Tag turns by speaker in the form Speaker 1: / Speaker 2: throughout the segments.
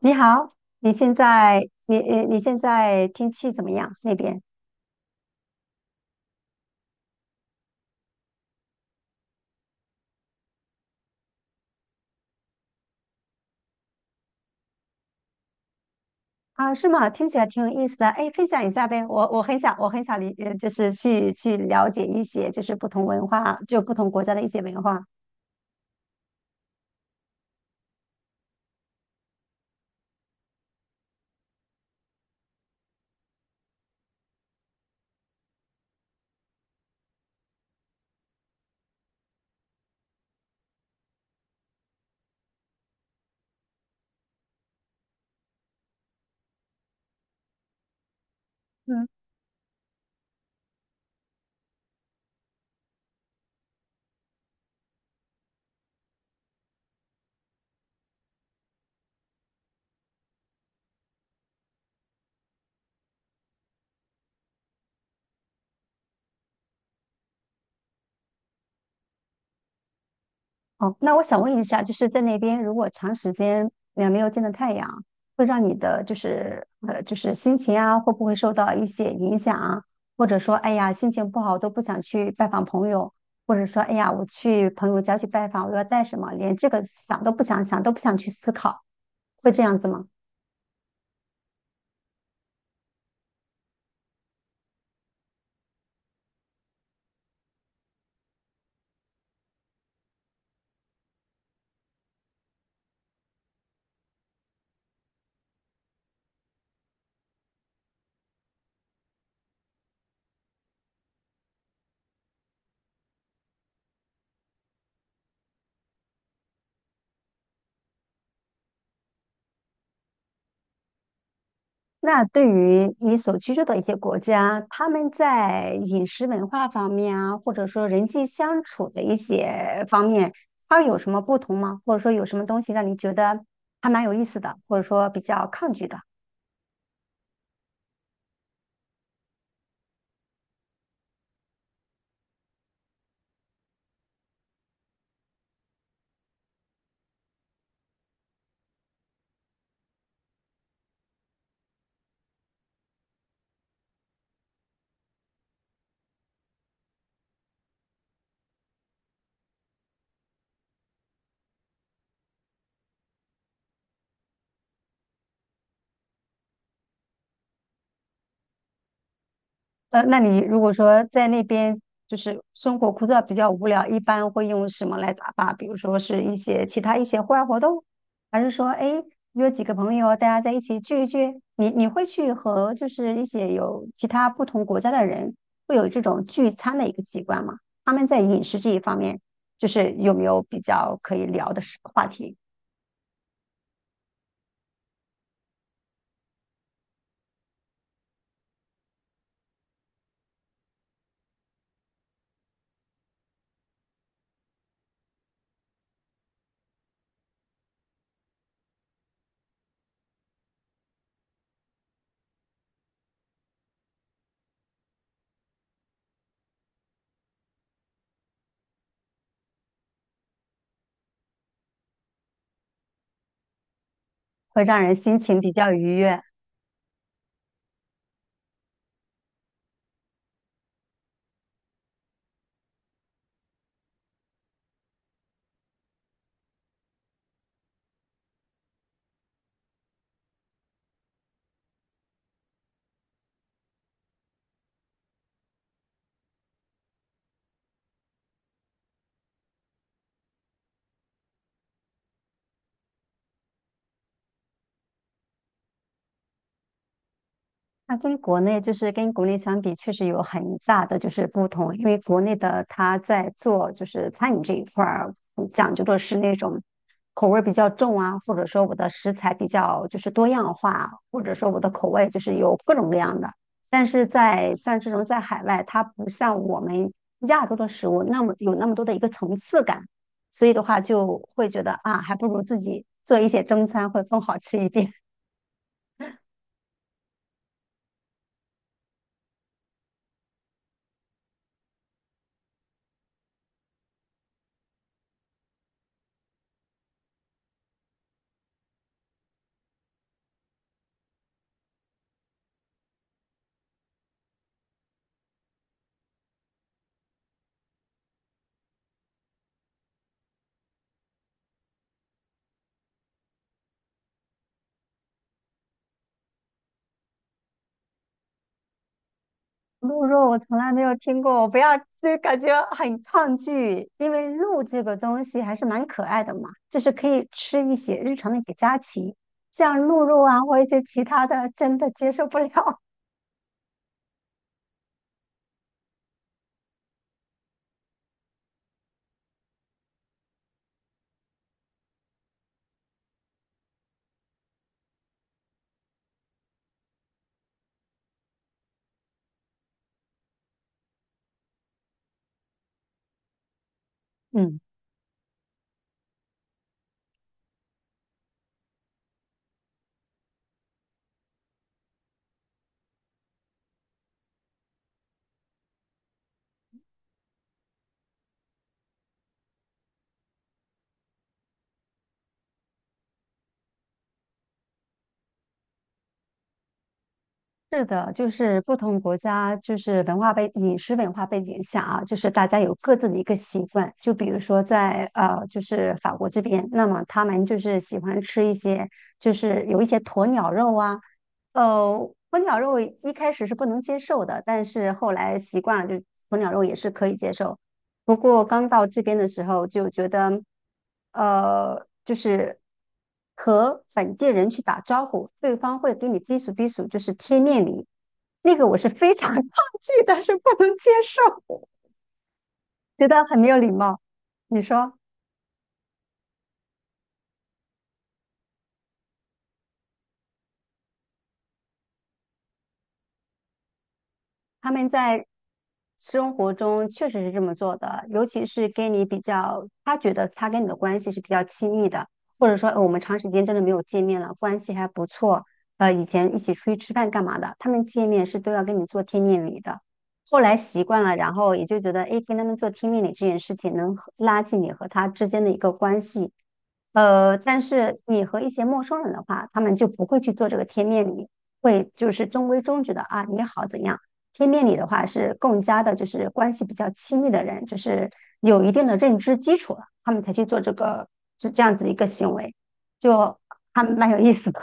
Speaker 1: 你好，你现在你现在天气怎么样？那边啊，是吗？听起来挺有意思的。哎，分享一下呗，我很想,就是去了解一些就是不同文化，就不同国家的一些文化。嗯。哦，那我想问一下，就是在那边如果长时间没有见到太阳，会让你的就是心情啊，会不会受到一些影响啊？或者说，哎呀，心情不好都不想去拜访朋友，或者说，哎呀，我去朋友家去拜访，我要带什么，连这个想都不想想，都不想去思考，会这样子吗？那对于你所居住的一些国家，他们在饮食文化方面啊，或者说人际相处的一些方面，它有什么不同吗？或者说有什么东西让你觉得还蛮有意思的，或者说比较抗拒的？呃，那你如果说在那边就是生活枯燥、比较无聊，一般会用什么来打发？比如说是一些其他一些户外活动，还是说哎约几个朋友大家在一起聚一聚？你会去和就是一些有其他不同国家的人会有这种聚餐的一个习惯吗？他们在饮食这一方面，就是有没有比较可以聊的事话题，会让人心情比较愉悦？那跟国内相比，确实有很大的就是不同。因为国内的它在做就是餐饮这一块儿，嗯讲究的是那种口味儿比较重啊，或者说我的食材比较就是多样化，或者说我的口味就是有各种各样的。但是在像这种在海外，它不像我们亚洲的食物那么有那么多的一个层次感，所以的话就会觉得啊，还不如自己做一些中餐会更好吃一点。鹿肉我从来没有听过，我不要，就感觉很抗拒，因为鹿这个东西还是蛮可爱的嘛，就是可以吃一些日常的一些佳肴，像鹿肉啊或一些其他的，真的接受不了。嗯，是的，就是不同国家就是文化背饮食文化背景下啊，就是大家有各自的一个习惯，就比如说在就是法国这边，那么他们就是喜欢吃一些就是有一些鸵鸟肉啊。呃，鸵鸟肉一开始是不能接受的，但是后来习惯了，就鸵鸟肉也是可以接受。不过刚到这边的时候就觉得，就是和本地人去打招呼，对方会给你逼数逼数，就是贴面礼，那个我是非常 抗拒但是不能接受，觉得很没有礼貌。你说？他们在生活中确实是这么做的，尤其是跟你比较，他觉得他跟你的关系是比较亲密的，或者说，我们长时间真的没有见面了，关系还不错，呃，以前一起出去吃饭干嘛的，他们见面是都要跟你做贴面礼的。后来习惯了，然后也就觉得，哎，跟他们做贴面礼这件事情能和拉近你和他之间的一个关系。呃，但是你和一些陌生人的话，他们就不会去做这个贴面礼，会就是中规中矩的啊，你好怎样。天命理的话是更加的，就是关系比较亲密的人，就是有一定的认知基础了，他们才去做这个这样子的一个行为，就还蛮有意思的。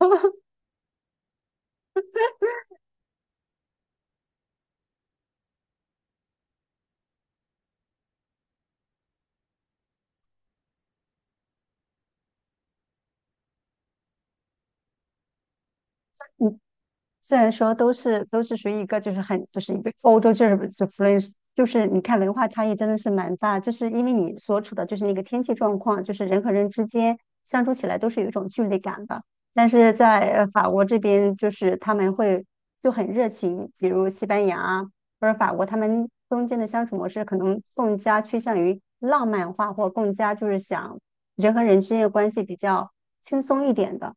Speaker 1: 你虽然说都是属于一个就是很就是一个欧洲就是就弗 h 就是你看文化差异真的是蛮大，就是因为你所处的就是那个天气状况，就是人和人之间相处起来都是有一种距离感的。但是在法国这边，就是他们会就很热情，比如西班牙啊或者法国，他们中间的相处模式可能更加趋向于浪漫化，或更加就是想人和人之间的关系比较轻松一点的。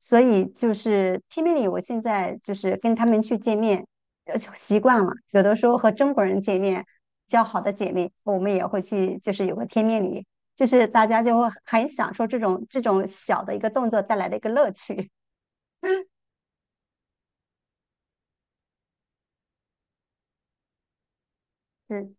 Speaker 1: 所以就是天命里，我现在就是跟他们去见面，呃，习惯了。有的时候和中国人见面，交好的姐妹，我们也会去，就是有个天命里，就是大家就会很享受这种小的一个动作带来的一个乐趣。嗯，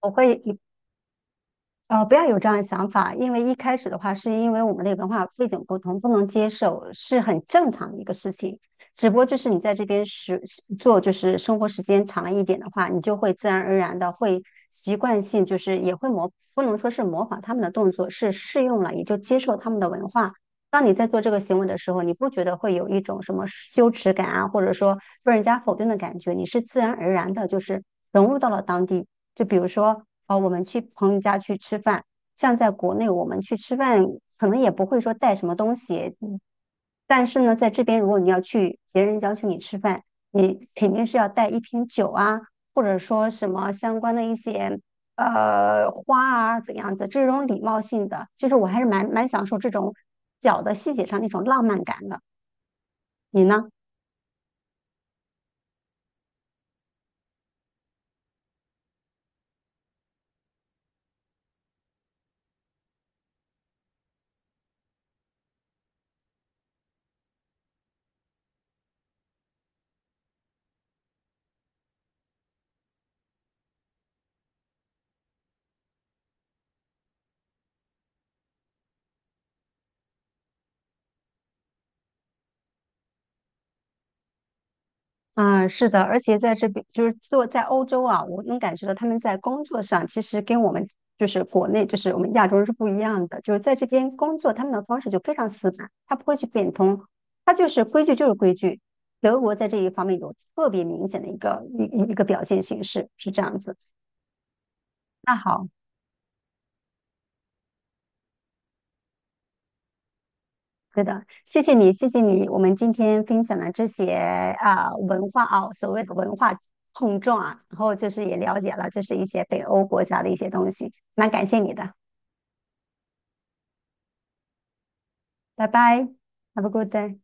Speaker 1: 我会不要有这样的想法，因为一开始的话，是因为我们的文化背景不同，不能接受，是很正常的一个事情。只不过就是你在这边时做，就是生活时间长了一点的话，你就会自然而然的会习惯性，就是也会模，不能说是模仿他们的动作，是适用了，也就接受他们的文化。当你在做这个行为的时候，你不觉得会有一种什么羞耻感啊，或者说被人家否定的感觉，你是自然而然的，就是融入到了当地。就比如说，呃，我们去朋友家去吃饭，像在国内我们去吃饭，可能也不会说带什么东西，嗯但是呢，在这边如果你要去别人邀请你吃饭，你肯定是要带一瓶酒啊，或者说什么相关的一些花啊怎样的这种礼貌性的，就是我还是蛮享受这种小的细节上那种浪漫感的。你呢？嗯，是的，而且在这边就是做在欧洲啊，我能感觉到他们在工作上其实跟我们就是国内就是我们亚洲人是不一样的，就是在这边工作他们的方式就非常死板，他不会去变通，他就是规矩就是规矩。德国在这一方面有特别明显的一个表现形式是这样子。那好。对的，谢谢你，谢谢你。我们今天分享的这些啊文化啊，所谓的文化碰撞啊，然后就是也了解了，就是一些北欧国家的一些东西。蛮感谢你的，拜拜，Have a good day。